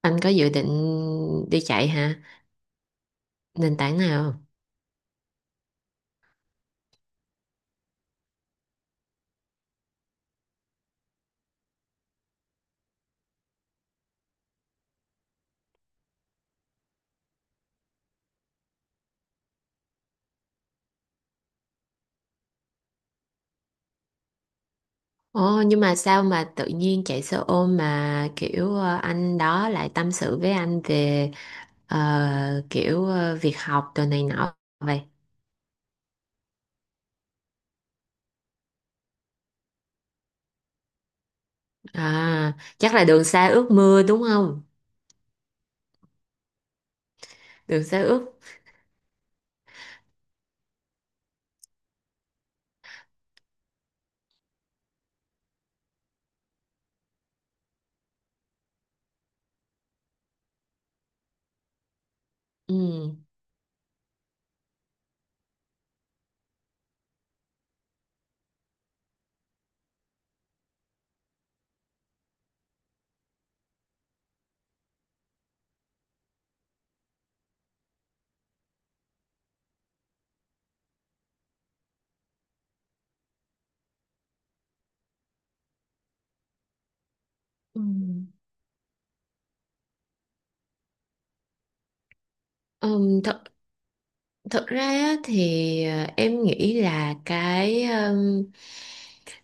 Anh có dự định đi chạy hả? Nền tảng nào không? Ồ, nhưng mà sao mà tự nhiên chạy xe ôm mà kiểu anh đó lại tâm sự với anh về kiểu việc học đồ này nọ vậy? À, chắc là đường xa ước mưa đúng không? Đường xa ước. Ừ. Ừ. Ừ, thật Thực ra á, thì em nghĩ là cái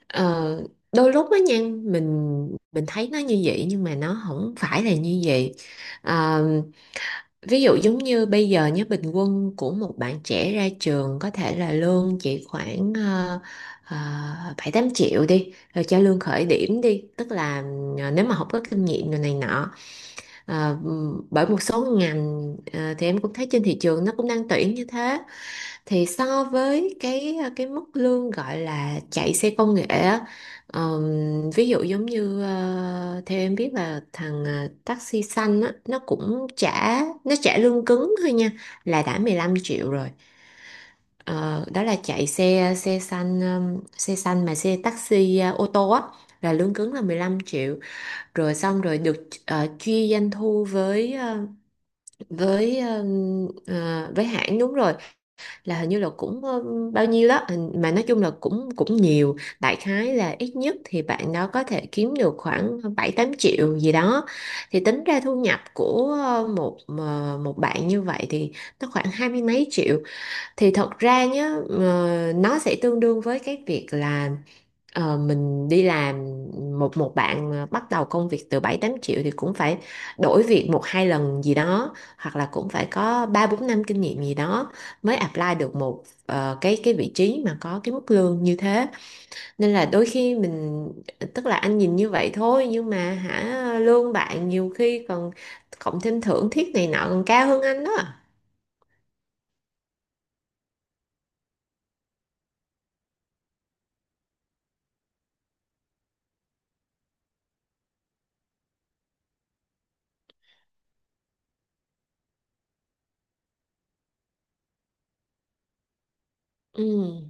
ờ, đôi lúc á nha mình mình thấy nó như vậy nhưng mà nó không phải là như vậy. Ờ, ví dụ giống như bây giờ nhé, bình quân của một bạn trẻ ra trường có thể là lương chỉ khoảng ờ, bảy tám triệu đi, rồi cho lương khởi điểm đi, tức là nếu mà không có kinh nghiệm rồi này nọ. Ờ, bởi một số ngành thì em cũng thấy trên thị trường nó cũng đang tuyển như thế, thì so với cái cái mức lương gọi là chạy xe công nghệ á, ví dụ giống như theo em biết là thằng taxi xanh á, nó cũng trả, nó trả lương cứng thôi nha, là đã 15 triệu rồi. Ờ, đó là chạy xe xe xanh, xe xanh mà xe taxi ô tô á, là lương cứng là 15 triệu, rồi xong rồi được chia doanh thu với với ờ, với hãng, đúng rồi, là hình như là cũng bao nhiêu đó mà nói chung là cũng cũng nhiều, đại khái là ít nhất thì bạn đó có thể kiếm được khoảng 7 8 triệu gì đó, thì tính ra thu nhập của một bạn như vậy thì nó khoảng hai mươi mấy triệu, thì thật ra nhá nó sẽ tương đương với cái việc là mình đi làm một một bạn mà bắt đầu công việc từ 7 8 triệu thì cũng phải đổi việc một hai lần gì đó, hoặc là cũng phải có 3 4 năm kinh nghiệm gì đó mới apply được một cái vị trí mà có cái mức lương như thế. Nên là đôi khi mình, tức là anh nhìn như vậy thôi nhưng mà hả, lương bạn nhiều khi còn cộng thêm thưởng thiết này nọ còn cao hơn anh đó. Ừ.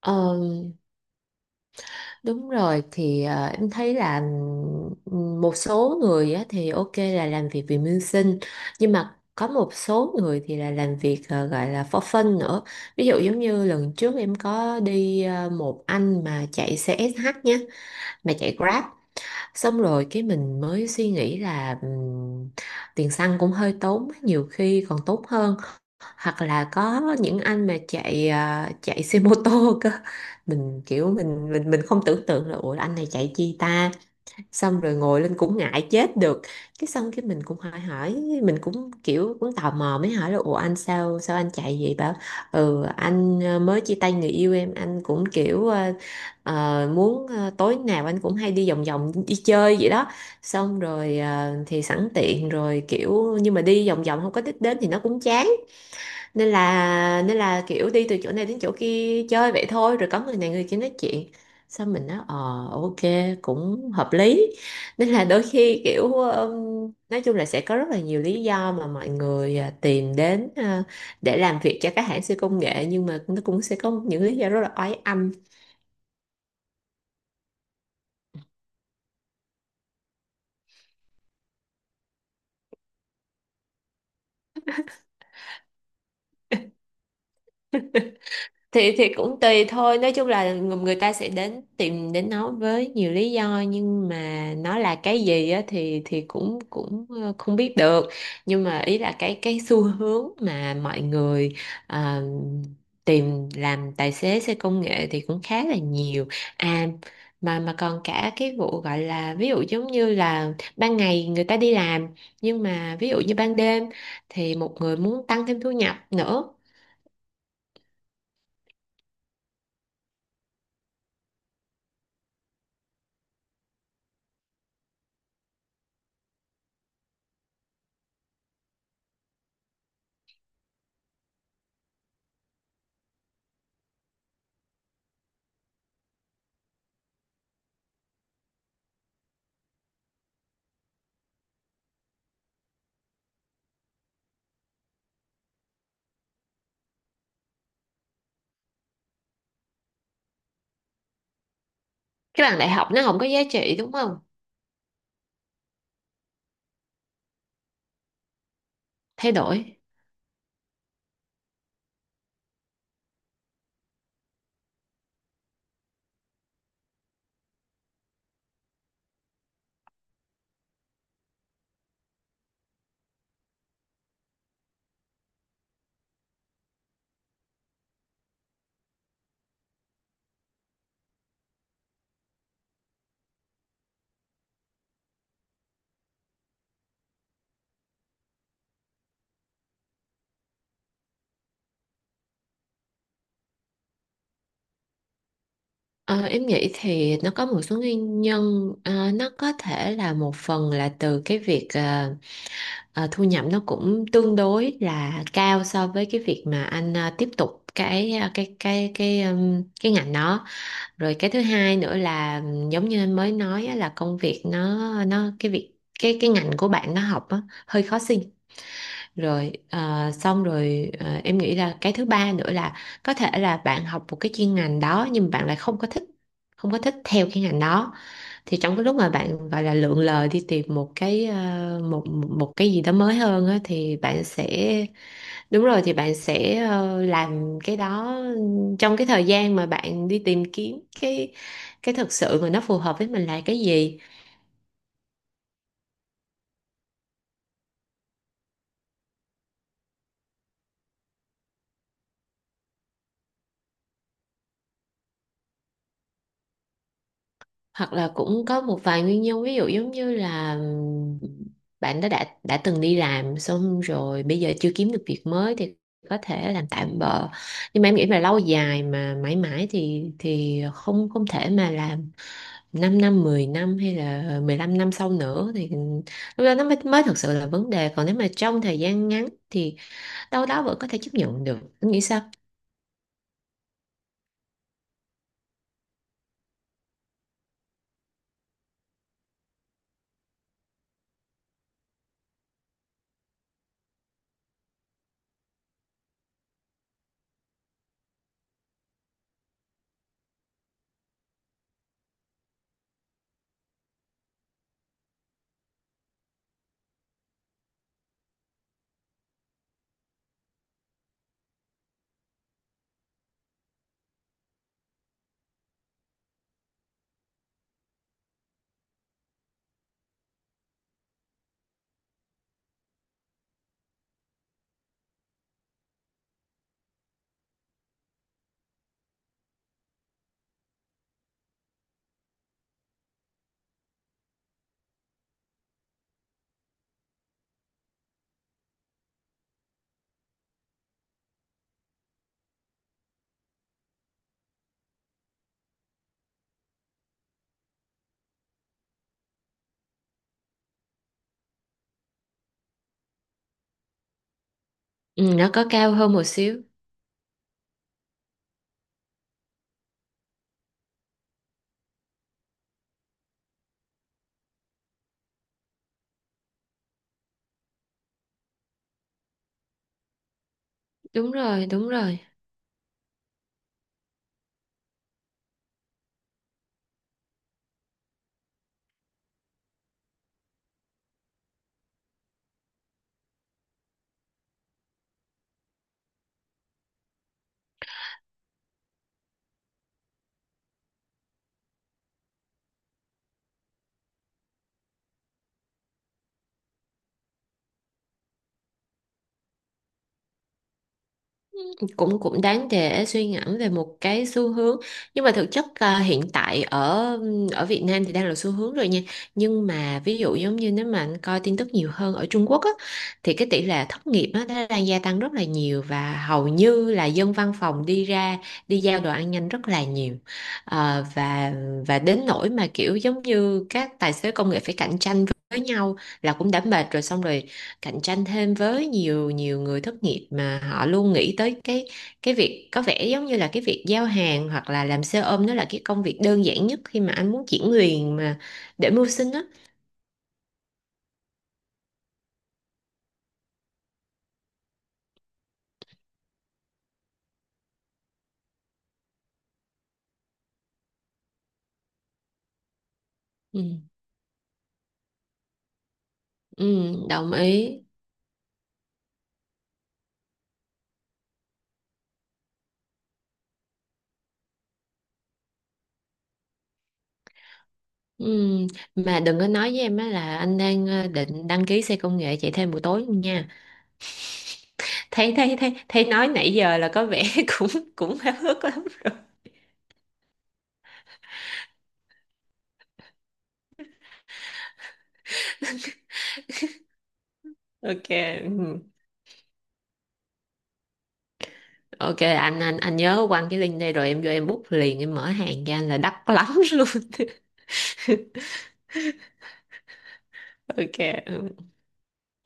Ờ. Đúng rồi, thì em thấy là một số người á, thì ok là làm việc vì mưu sinh, nhưng mà có một số người thì là làm việc gọi là for fun nữa. Ví dụ giống như lần trước em có đi một anh mà chạy CSH nhé, mà chạy Grab, xong rồi cái mình mới suy nghĩ là tiền xăng cũng hơi tốn, nhiều khi còn tốn hơn. Hoặc là có những anh mà chạy à, chạy xe mô tô cơ, mình kiểu mình không tưởng tượng là ủa anh này chạy chi ta, xong rồi ngồi lên cũng ngại chết được. Cái xong cái mình cũng hỏi hỏi mình cũng kiểu cũng tò mò mới hỏi là ủa anh sao sao anh chạy vậy, bảo ừ anh mới chia tay người yêu em, anh cũng kiểu muốn tối nào anh cũng hay đi vòng vòng đi chơi vậy đó, xong rồi thì sẵn tiện rồi kiểu, nhưng mà đi vòng vòng không có đích đến thì nó cũng chán, nên là kiểu đi từ chỗ này đến chỗ kia chơi vậy thôi, rồi có người này người kia nói chuyện, xong mình nói ờ, ok cũng hợp lý. Nên là đôi khi kiểu nói chung là sẽ có rất là nhiều lý do mà mọi người à, tìm đến à, để làm việc cho các hãng siêu công nghệ, nhưng mà nó cũng sẽ có những lý do rất là oái âm. Thì cũng tùy thôi, nói chung là người người ta sẽ đến tìm đến nó với nhiều lý do, nhưng mà nó là cái gì á thì cũng cũng ờ, không biết được. Nhưng mà ý là cái xu hướng mà mọi người ờ, tìm làm tài xế xe công nghệ thì cũng khá là nhiều. À, mà còn cả cái vụ gọi là ví dụ giống như là ban ngày người ta đi làm, nhưng mà ví dụ như ban đêm thì một người muốn tăng thêm thu nhập nữa. Cái bằng đại học nó không có giá trị đúng không? Thay đổi. Ờ, em nghĩ thì nó có một số nguyên nhân. Ờ, nó có thể là một phần là từ cái việc thu nhập nó cũng tương đối là cao so với cái việc mà anh tiếp tục cái cái cái ngành đó. Rồi cái thứ hai nữa là giống như anh mới nói á, là công việc nó cái việc, cái ngành của bạn nó học á, hơi khó. Rồi à, xong rồi à, em nghĩ là cái thứ ba nữa là có thể là bạn học một cái chuyên ngành đó nhưng bạn lại không có thích, không có thích theo cái ngành đó. Thì trong cái lúc mà bạn gọi là lượn lờ đi tìm một cái một một cái gì đó mới hơn á, thì bạn sẽ, đúng rồi, thì bạn sẽ làm cái đó trong cái thời gian mà bạn đi tìm kiếm cái thực sự mà nó phù hợp với mình là cái gì. Hoặc là cũng có một vài nguyên nhân, ví dụ giống như là bạn đó đã từng đi làm xong rồi bây giờ chưa kiếm được việc mới thì có thể làm tạm bợ. Nhưng mà em nghĩ mà lâu dài mà mãi mãi thì không không thể mà làm 5 năm 10 năm hay là 15 năm sau nữa, thì lúc đó nó mới mới thực sự là vấn đề, còn nếu mà trong thời gian ngắn thì đâu đó vẫn có thể chấp nhận được, em nghĩ sao? Ừ, nó có cao hơn một xíu. Đúng rồi, đúng rồi. Cũng cũng đáng để suy ngẫm về một cái xu hướng. Nhưng mà thực chất à, hiện tại ở ở Việt Nam thì đang là xu hướng rồi nha. Nhưng mà ví dụ giống như nếu mà anh coi tin tức nhiều hơn ở Trung Quốc á, thì cái tỷ lệ thất nghiệp á nó đang gia tăng rất là nhiều, và hầu như là dân văn phòng đi ra đi giao đồ ăn nhanh rất là nhiều. Ờ, và đến nỗi mà kiểu giống như các tài xế công nghệ phải cạnh tranh với nhau là cũng đã mệt rồi, xong rồi cạnh tranh thêm với nhiều nhiều người thất nghiệp, mà họ luôn nghĩ tới cái việc có vẻ giống như là cái việc giao hàng hoặc là làm xe ôm nó là cái công việc đơn giản nhất khi mà anh muốn chuyển quyền mà để mưu sinh á. Ừ, ừ, đồng ý. Ừ, mà đừng có nói với em á là anh đang định đăng ký xe công nghệ chạy thêm buổi tối nha. Thấy thấy thấy thấy nói nãy giờ là có vẻ cũng cũng háo hức lắm rồi. Ok. Ừ. Ok, anh anh nhớ quăng cái link đây rồi em vô em bút liền, em mở hàng cho anh là đắt lắm luôn. Ok. Ừ.